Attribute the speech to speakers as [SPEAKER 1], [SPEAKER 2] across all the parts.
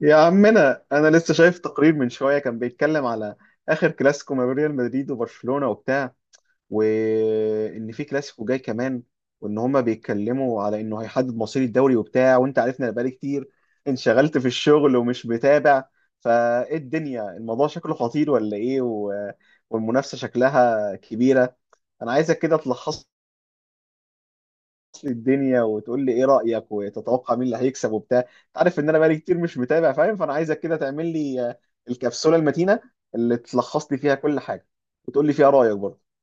[SPEAKER 1] يا عمنا، انا لسه شايف تقرير من شويه كان بيتكلم على اخر كلاسيكو ما بين ريال مدريد وبرشلونه وبتاع، وان في كلاسيكو جاي كمان، وان هما بيتكلموا على انه هيحدد مصير الدوري وبتاع. وانت عارفنا بقالي كتير انشغلت في الشغل ومش متابع، فايه الدنيا؟ الموضوع شكله خطير ولا ايه والمنافسه شكلها كبيره. انا عايزك كده تلخص لي الدنيا وتقول لي ايه رأيك وتتوقع مين اللي هيكسب وبتاع. انت عارف ان انا بقالي كتير مش متابع، فاهم؟ فانا عايزك كده تعمل لي الكبسولة المتينة اللي تلخص لي فيها كل حاجة وتقول لي فيها رأيك برضه.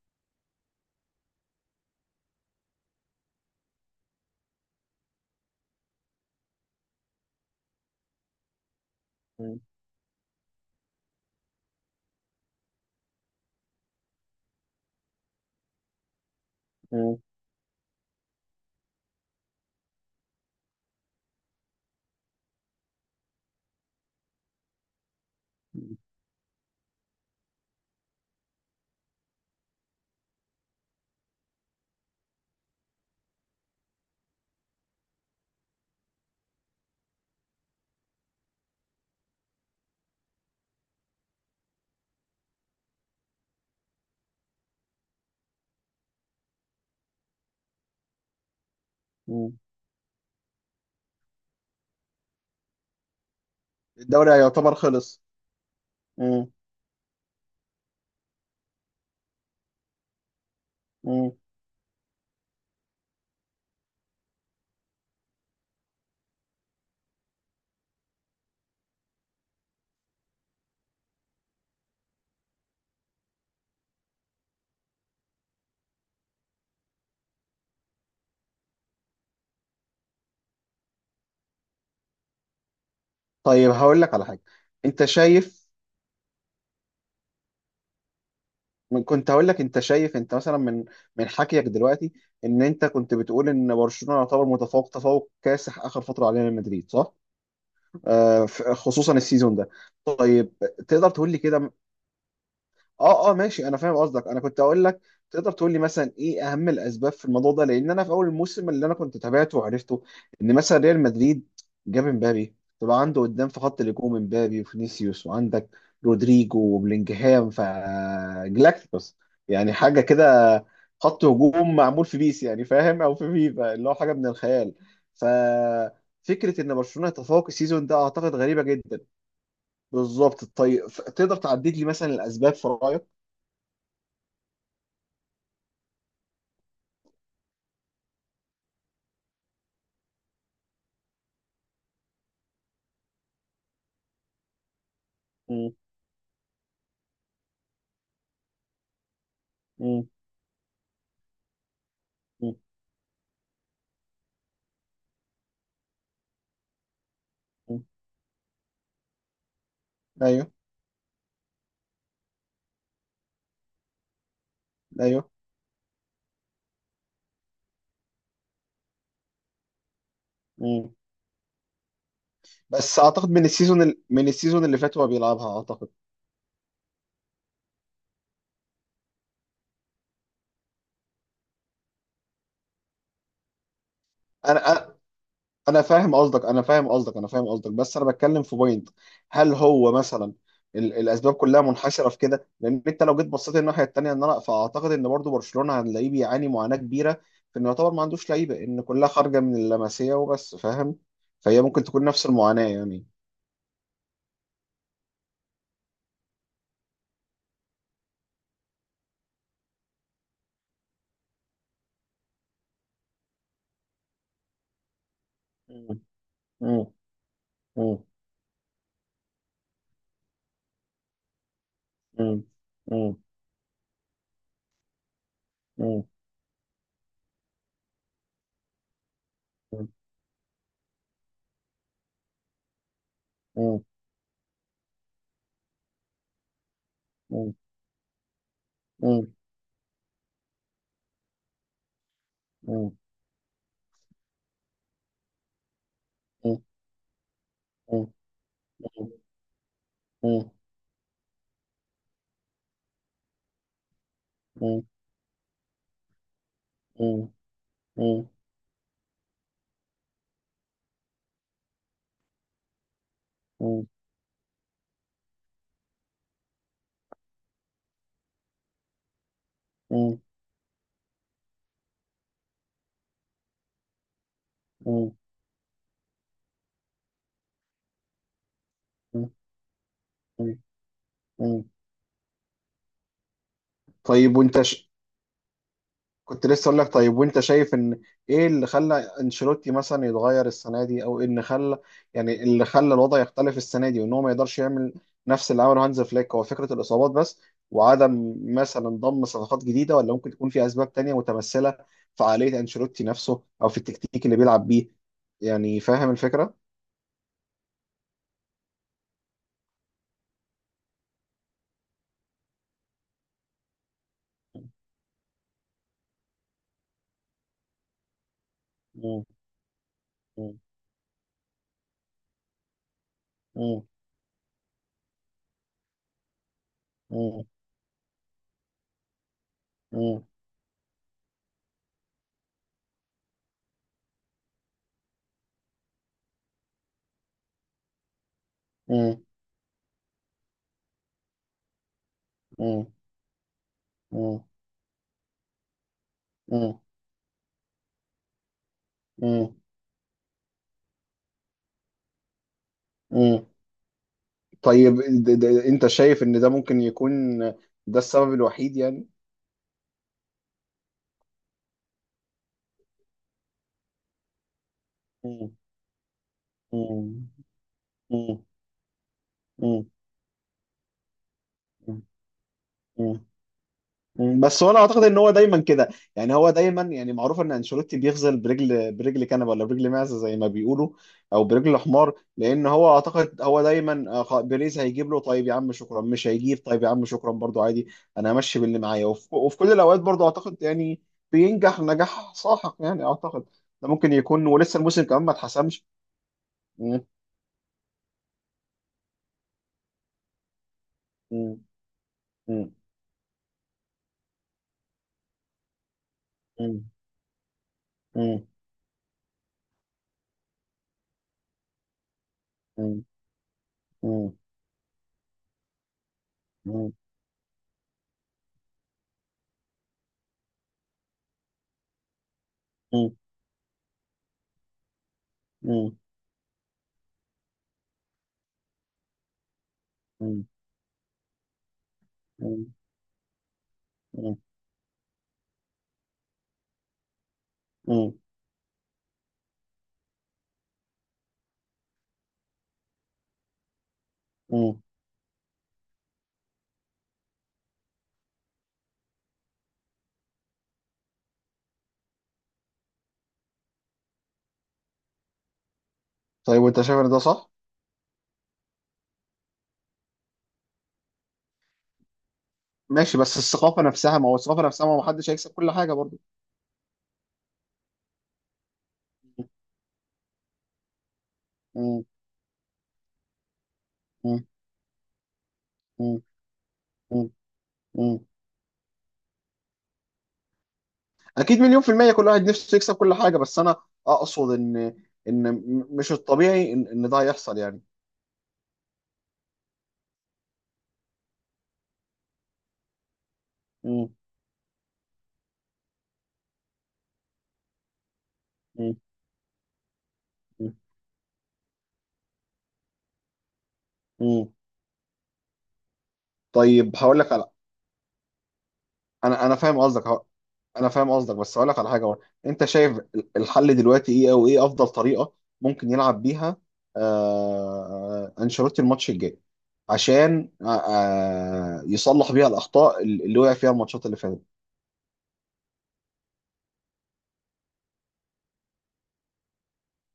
[SPEAKER 1] مم. مم. مم. الدوري يعتبر خلص. مم. مم. طيب، هقول لك على حاجة. انت شايف، كنت هقول لك، انت شايف انت مثلا من حكيك دلوقتي ان انت كنت بتقول ان برشلونة يعتبر متفوق تفوق كاسح اخر فترة علينا من مدريد، صح؟ خصوصا السيزون ده. طيب، تقدر تقول لي كده. اه اه، ماشي، انا فاهم قصدك. انا كنت اقول لك، تقدر تقول لي مثلا ايه اهم الاسباب في الموضوع ده؟ لان انا في اول الموسم اللي انا كنت تابعته وعرفته ان مثلا ريال مدريد جاب امبابي. طبعا عنده قدام في خط الهجوم امبابي وفينيسيوس، وعندك رودريجو وبلينجهام، فجلاكتيكوس، يعني حاجه كده. خط هجوم معمول في بيس، يعني فاهم، او في فيفا، اللي هو حاجه من الخيال. ف فكره ان برشلونه يتفوق السيزون ده اعتقد غريبه جدا. بالظبط. طيب، تقدر تعدد لي مثلا الاسباب في رايك؟ مم. مم. مم. مم. ايوه. ايوه. مم. بس اعتقد من السيزون من السيزون اللي فات هو بيلعبها، اعتقد. انا، أنا فاهم قصدك، انا فاهم قصدك، انا فاهم قصدك. بس انا بتكلم في بوينت. هل هو مثلا الاسباب كلها منحشره في كده؟ لان انت لو جيت بصيت الناحيه الثانيه، ان انا فاعتقد ان برضو برشلونه هنلاقيه بيعاني معاناه كبيره في انه يعتبر ما عندوش لعيبه، ان كلها خارجه من اللمسيه وبس، فاهم؟ فهي ممكن تكون نفس المعاناه يعني. مم. مم. مم. مم. مم. مم. مم. مم. مم. مم. مم. مم. مم. مم. مم. مم. مم. مم. مم. مم. طيب وانت كنت لسه اقول لك، طيب وانت شايف ان ايه اللي خلى انشيلوتي مثلا يتغير السنه دي، او إيه اللي خلى يعني اللي خلى الوضع يختلف السنه دي، وان هو ما يقدرش يعمل نفس اللي عمله هانز فليك؟ هو فكره الاصابات بس، وعدم مثلا ضم صفقات جديده؟ ولا ممكن تكون في اسباب تانية متمثله في عقليه انشيلوتي نفسه او في التكتيك اللي بيلعب بيه؟ يعني فاهم الفكره؟ مم. مم. مم. مم. مم. مم. مم. مم. مم. مم. طيب، انت شايف ان ده ممكن يكون ده السبب الوحيد يعني؟ مم. مم. مم. مم. مم. بس هو انا اعتقد ان هو دايما كده، يعني هو دايما، يعني معروف ان انشيلوتي بيغزل برجل، برجل كنبه ولا برجل معزه زي ما بيقولوا، او برجل حمار. لان هو اعتقد هو دايما بيريز هيجيب له طيب يا عم شكرا، مش هيجيب طيب يا عم شكرا برضو عادي. انا همشي باللي معايا وفي كل الاوقات برضو، اعتقد يعني بينجح نجاح ساحق، يعني اعتقد. ده ممكن يكون، ولسه الموسم كمان ما اتحسمش. مم. مم. مم. مم. مم. مم. مم. مم. مم. مم. مم. مم. مم. طيب وانت شايف ان ده صح؟ ماشي، بس الثقافه نفسها، ما هو الثقافه نفسها، ما هو محدش هيكسب كل حاجه برضه. مم. مم. مم. مم. مم. اكيد مليون في الميه كل واحد نفسه يكسب كل حاجه، بس انا اقصد ان ان مش الطبيعي ان, ده هيحصل يعني. مم. مم. مم. مم. طيب، هقول لك على... انا انا فاهم قصدك أهو. انا فاهم قصدك، بس اقول لك على حاجه برضه. انت شايف الحل دلوقتي ايه، او ايه افضل طريقه ممكن يلعب بيها انشيلوتي الماتش الجاي، عشان يصلح بيها الاخطاء اللي وقع فيها الماتشات اللي فاتت؟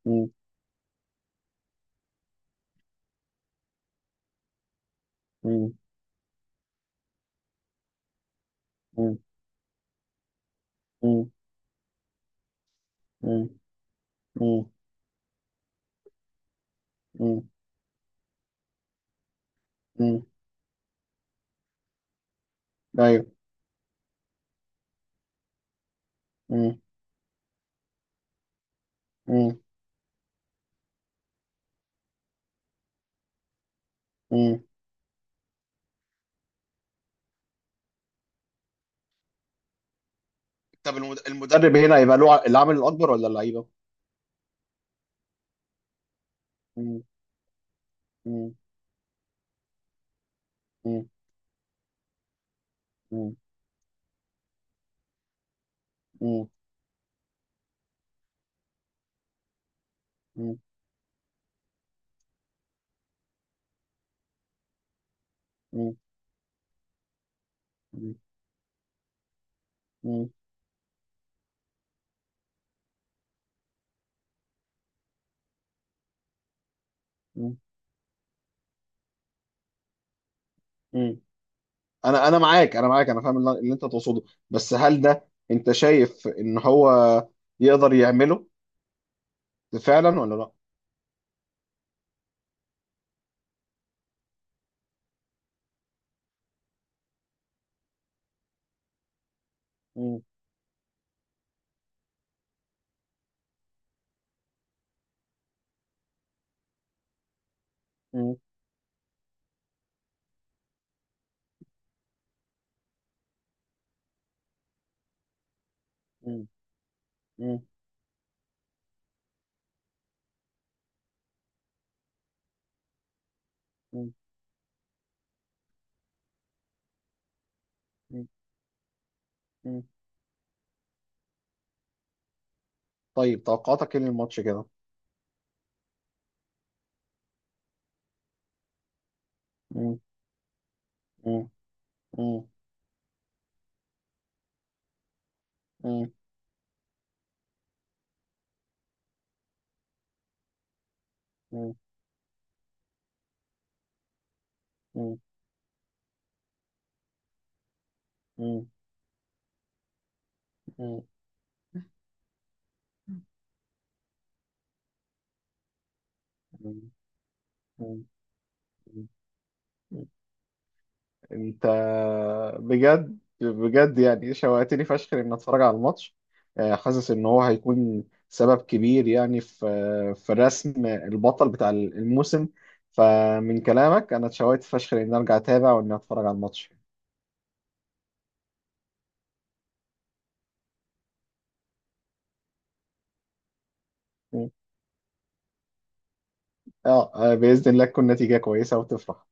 [SPEAKER 1] مم. مم. مم. مم. مم. مم. مم. مم. ايوه. مم. مم. مم. طب المدرب هنا هيبقى له العامل الاكبر ولا اللعيبه؟ مم. مم. مم. مم. مم. مم. مم. مم. مم. مم. انا معاك، انا معاك، انا فاهم اللي انت تقصده. بس هل ده انت شايف ان هو يقدر يعمله فعلا ولا لا؟ مم. مم. مم. مم. مم. مم. مم. طيب، توقعاتك ايه للماتش كده؟ مم. مم. مم. مم. مم. مم. مم. مم. مم. مم. انت بجد بجد، يعني شوقتني فشخ ان اتفرج على الماتش. حاسس ان هو هيكون سبب كبير يعني في رسم البطل بتاع الموسم. فمن كلامك انا اتشوقت فشخ ان ارجع اتابع وان اتفرج على الماتش. اه باذن الله تكون نتيجه كويسه وتفرح.